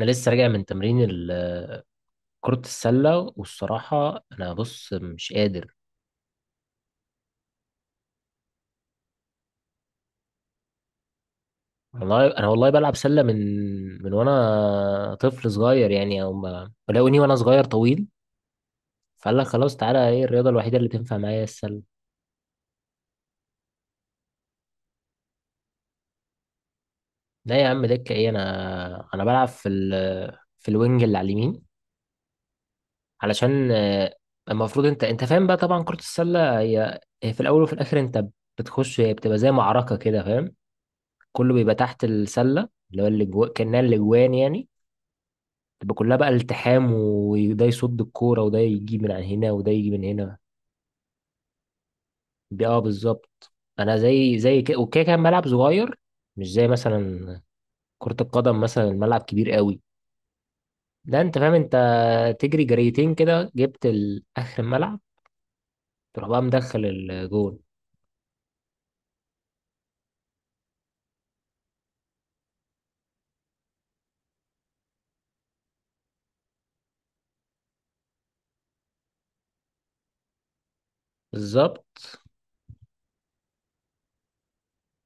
انا لسه راجع من تمرين كرة السلة، والصراحة انا بص مش قادر. والله انا والله بلعب سلة من وانا طفل صغير، يعني او ما ولو وانا صغير طويل، فقال لك خلاص تعالى، ايه الرياضة الوحيدة اللي تنفع معايا هي السلة. لا يا عم، دكة ايه؟ انا بلعب في في الوينج اللي على اليمين، علشان المفروض انت فاهم بقى، طبعا كرة السلة هي في الاول وفي الاخر انت بتخش، هي بتبقى زي معركة كده فاهم، كله بيبقى تحت السلة اللي هو اللي جوا كأنها الاجوان يعني، تبقى كلها بقى التحام، وده يصد الكورة وده يجيب من عن هنا وده يجيب من هنا. بالظبط. انا زي كده وكده كان ملعب صغير، مش زي مثلا كرة القدم، مثلا الملعب كبير قوي، لا انت فاهم، انت تجري جريتين كده جبت اخر الملعب، تروح بقى مدخل الجون. بالظبط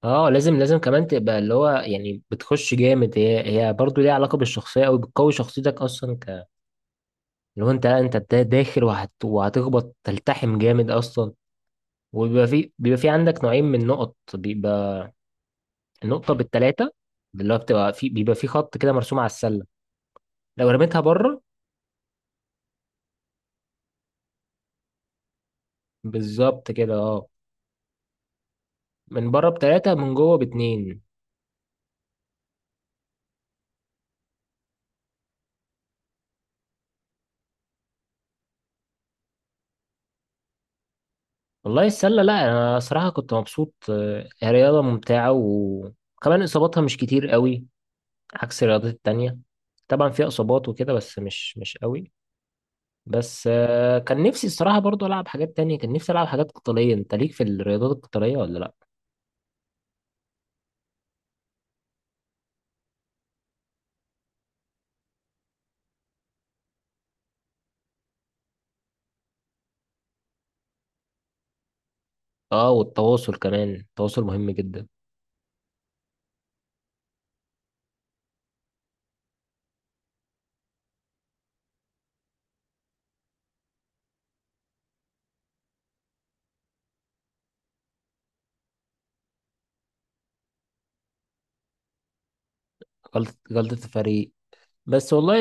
اه، لازم كمان تبقى اللي هو يعني بتخش جامد، هي برضه ليها علاقه بالشخصيه قوي، بتقوي شخصيتك اصلا ك، اللي هو انت داخل وهتخبط تلتحم جامد اصلا، وبيبقى في عندك نوعين من النقط، بيبقى النقطة بالتلاتة، اللي هو بتبقى في بيبقى في خط كده مرسوم على السلة لو رميتها بره. بالظبط كده اه، من بره بتلاتة من جوه باتنين. والله السلة، لا أنا صراحة كنت مبسوط، هي رياضة ممتعة وكمان إصاباتها مش كتير قوي عكس الرياضات التانية، طبعا فيها إصابات وكده بس مش قوي. بس كان نفسي الصراحة برضو ألعب حاجات تانية، كان نفسي ألعب حاجات قتالية، أنت ليك في الرياضات القتالية ولا لأ؟ اه، والتواصل كمان التواصل مهم جدا. غلطة الفريق، بس والله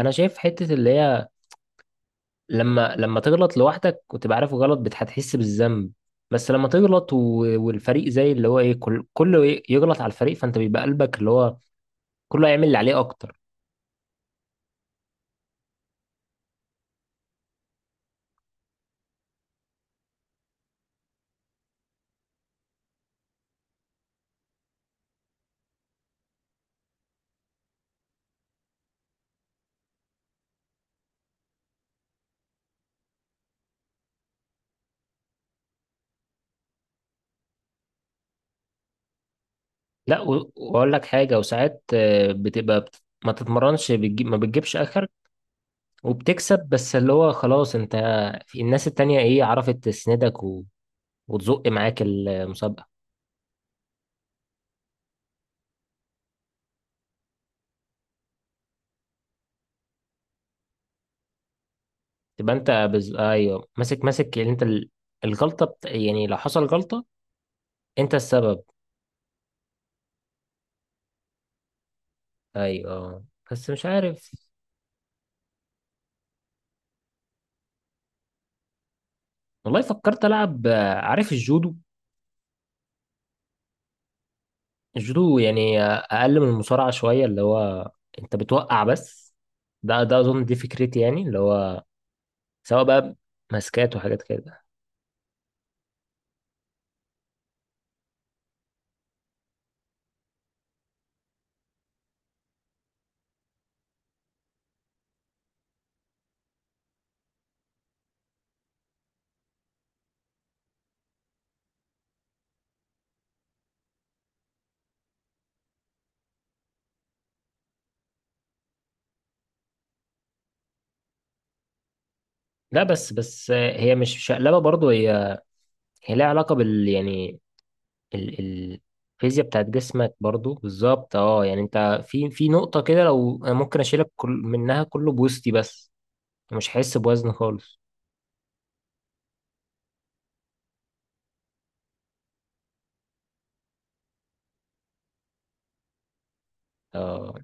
أنا شايف حتة اللي هي لما تغلط لوحدك وتبقى عارف غلط هتحس بالذنب، بس لما تغلط والفريق زي اللي هو إيه كله يغلط على الفريق، فأنت بيبقى قلبك اللي هو كله هيعمل اللي عليه أكتر. لا وأقول لك حاجة، وساعات بتبقى ما تتمرنش، ما بتجيبش آخر، وبتكسب، بس اللي هو خلاص أنت، في الناس التانية إيه، عرفت تسندك وتزق معاك المسابقة. تبقى انت ايوه، ماسك يعني انت الغلطه يعني لو حصل غلطه انت السبب، ايوه. بس مش عارف. والله فكرت العب عارف الجودو. الجودو يعني اقل من المصارعه شويه، اللي هو انت بتوقع بس، ده اظن دي فكرتي يعني، اللي هو سواء بقى ماسكات وحاجات كده. لا بس، هي مش شقلبه برضو، هي لها علاقه بال، يعني ال- الفيزياء بتاعت جسمك برضو بالظبط اه، يعني انت في نقطة كده، لو انا ممكن اشيلك كل منها كله بوستي، بس مش هحس بوزن خالص. اه،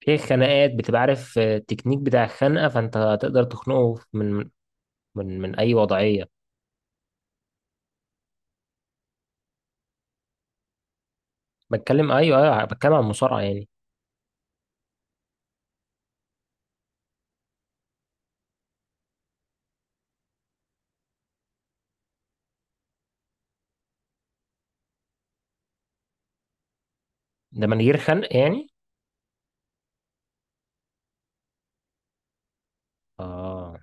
في خناقات بتبقى عارف التكنيك بتاع الخنقة، فانت هتقدر تخنقه من من اي وضعية. ايوه ايوه، بتكلم عن المصارعة يعني. ده من غير خنق يعني. اه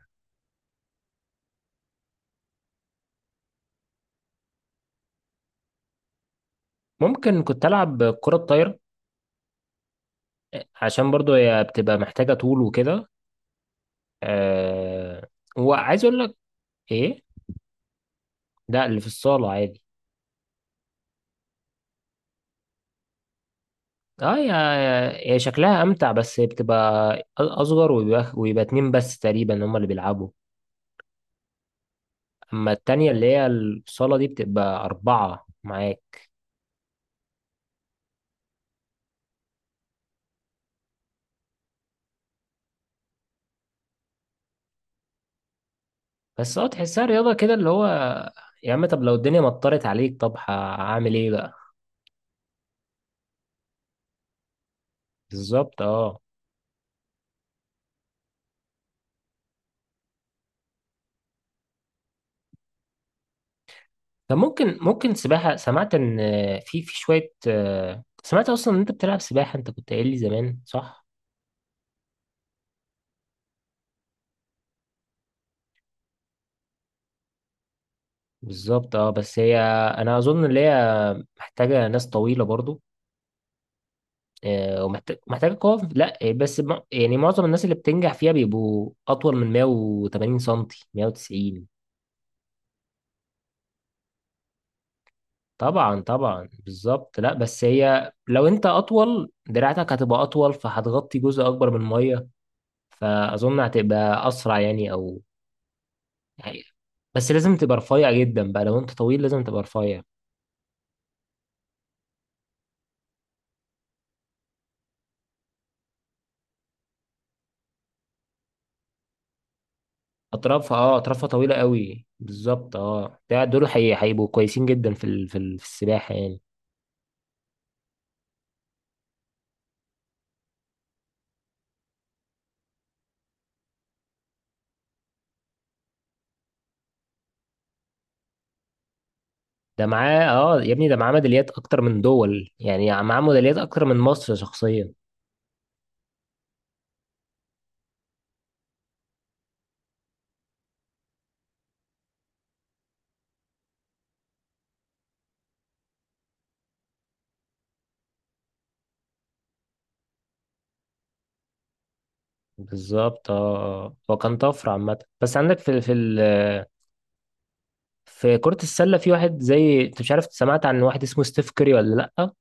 ممكن كنت العب كرة الطايرة، عشان برضو هي بتبقى محتاجة طول وكده. آه وعايز اقول لك ايه، لا اللي في الصالة عادي. اه، يا شكلها امتع، بس بتبقى اصغر ويبقى اتنين بس تقريبا هما اللي بيلعبوا، اما التانية اللي هي الصالة دي بتبقى اربعة معاك. بس اه تحسها رياضة كده اللي هو، يا عم طب لو الدنيا مطرت عليك طب هعمل ايه بقى؟ بالظبط اه. طب ممكن سباحة، سمعت ان في شوية سمعت اصلا ان انت بتلعب سباحة، انت كنت قايل لي زمان صح. بالظبط اه، بس هي انا اظن ان هي محتاجة ناس طويلة برضو، ومحتاج قوة، لا بس يعني معظم الناس اللي بتنجح فيها بيبقوا أطول من 180 سنتي 190. طبعا طبعا بالظبط. لا بس هي لو أنت أطول دراعتك هتبقى أطول فهتغطي جزء أكبر من المية، فأظن هتبقى أسرع يعني أو يعني، بس لازم تبقى رفيع جدا بقى، لو أنت طويل لازم تبقى رفيع. أطرافها طويلة قوي بالظبط أه، ده دول هيبقوا كويسين جدا في في السباحة يعني. ده معاه يا ابني، ده معاه ميداليات اكتر من دول يعني، معاه ميداليات اكتر من مصر شخصيا. بالظبط اه، هو كان طفره عامه بس، عندك في كرة السلة في واحد زي انت مش عارف، سمعت عن واحد اسمه ستيف كيري ولا لأ؟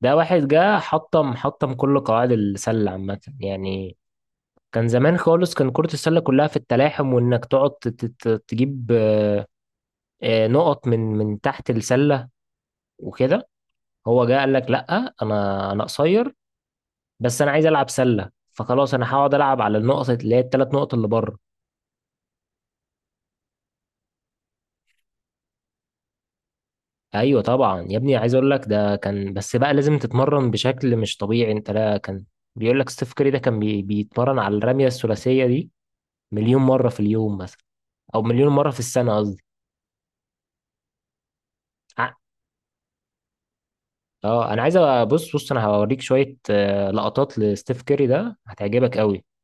ده واحد جه حطم كل قواعد السلة عامة يعني، كان زمان خالص كان كرة السلة كلها في التلاحم، وانك تقعد تجيب نقط من تحت السلة وكده. هو جه قال لك لأ، انا قصير، بس انا عايز العب سله، فخلاص انا هقعد العب على النقط اللي هي الثلاث نقط اللي بره. ايوه طبعا يا ابني، عايز اقول لك ده كان بس بقى لازم تتمرن بشكل مش طبيعي انت، لا كان بيقول لك ستيف كاري ده كان بيتمرن على الرميه الثلاثيه دي مليون مره في اليوم مثلا، او مليون مره في السنه قصدي. ع- اه انا عايز بص بص، انا هوريك شويه لقطات لستيف كاري ده، هتعجبك قوي.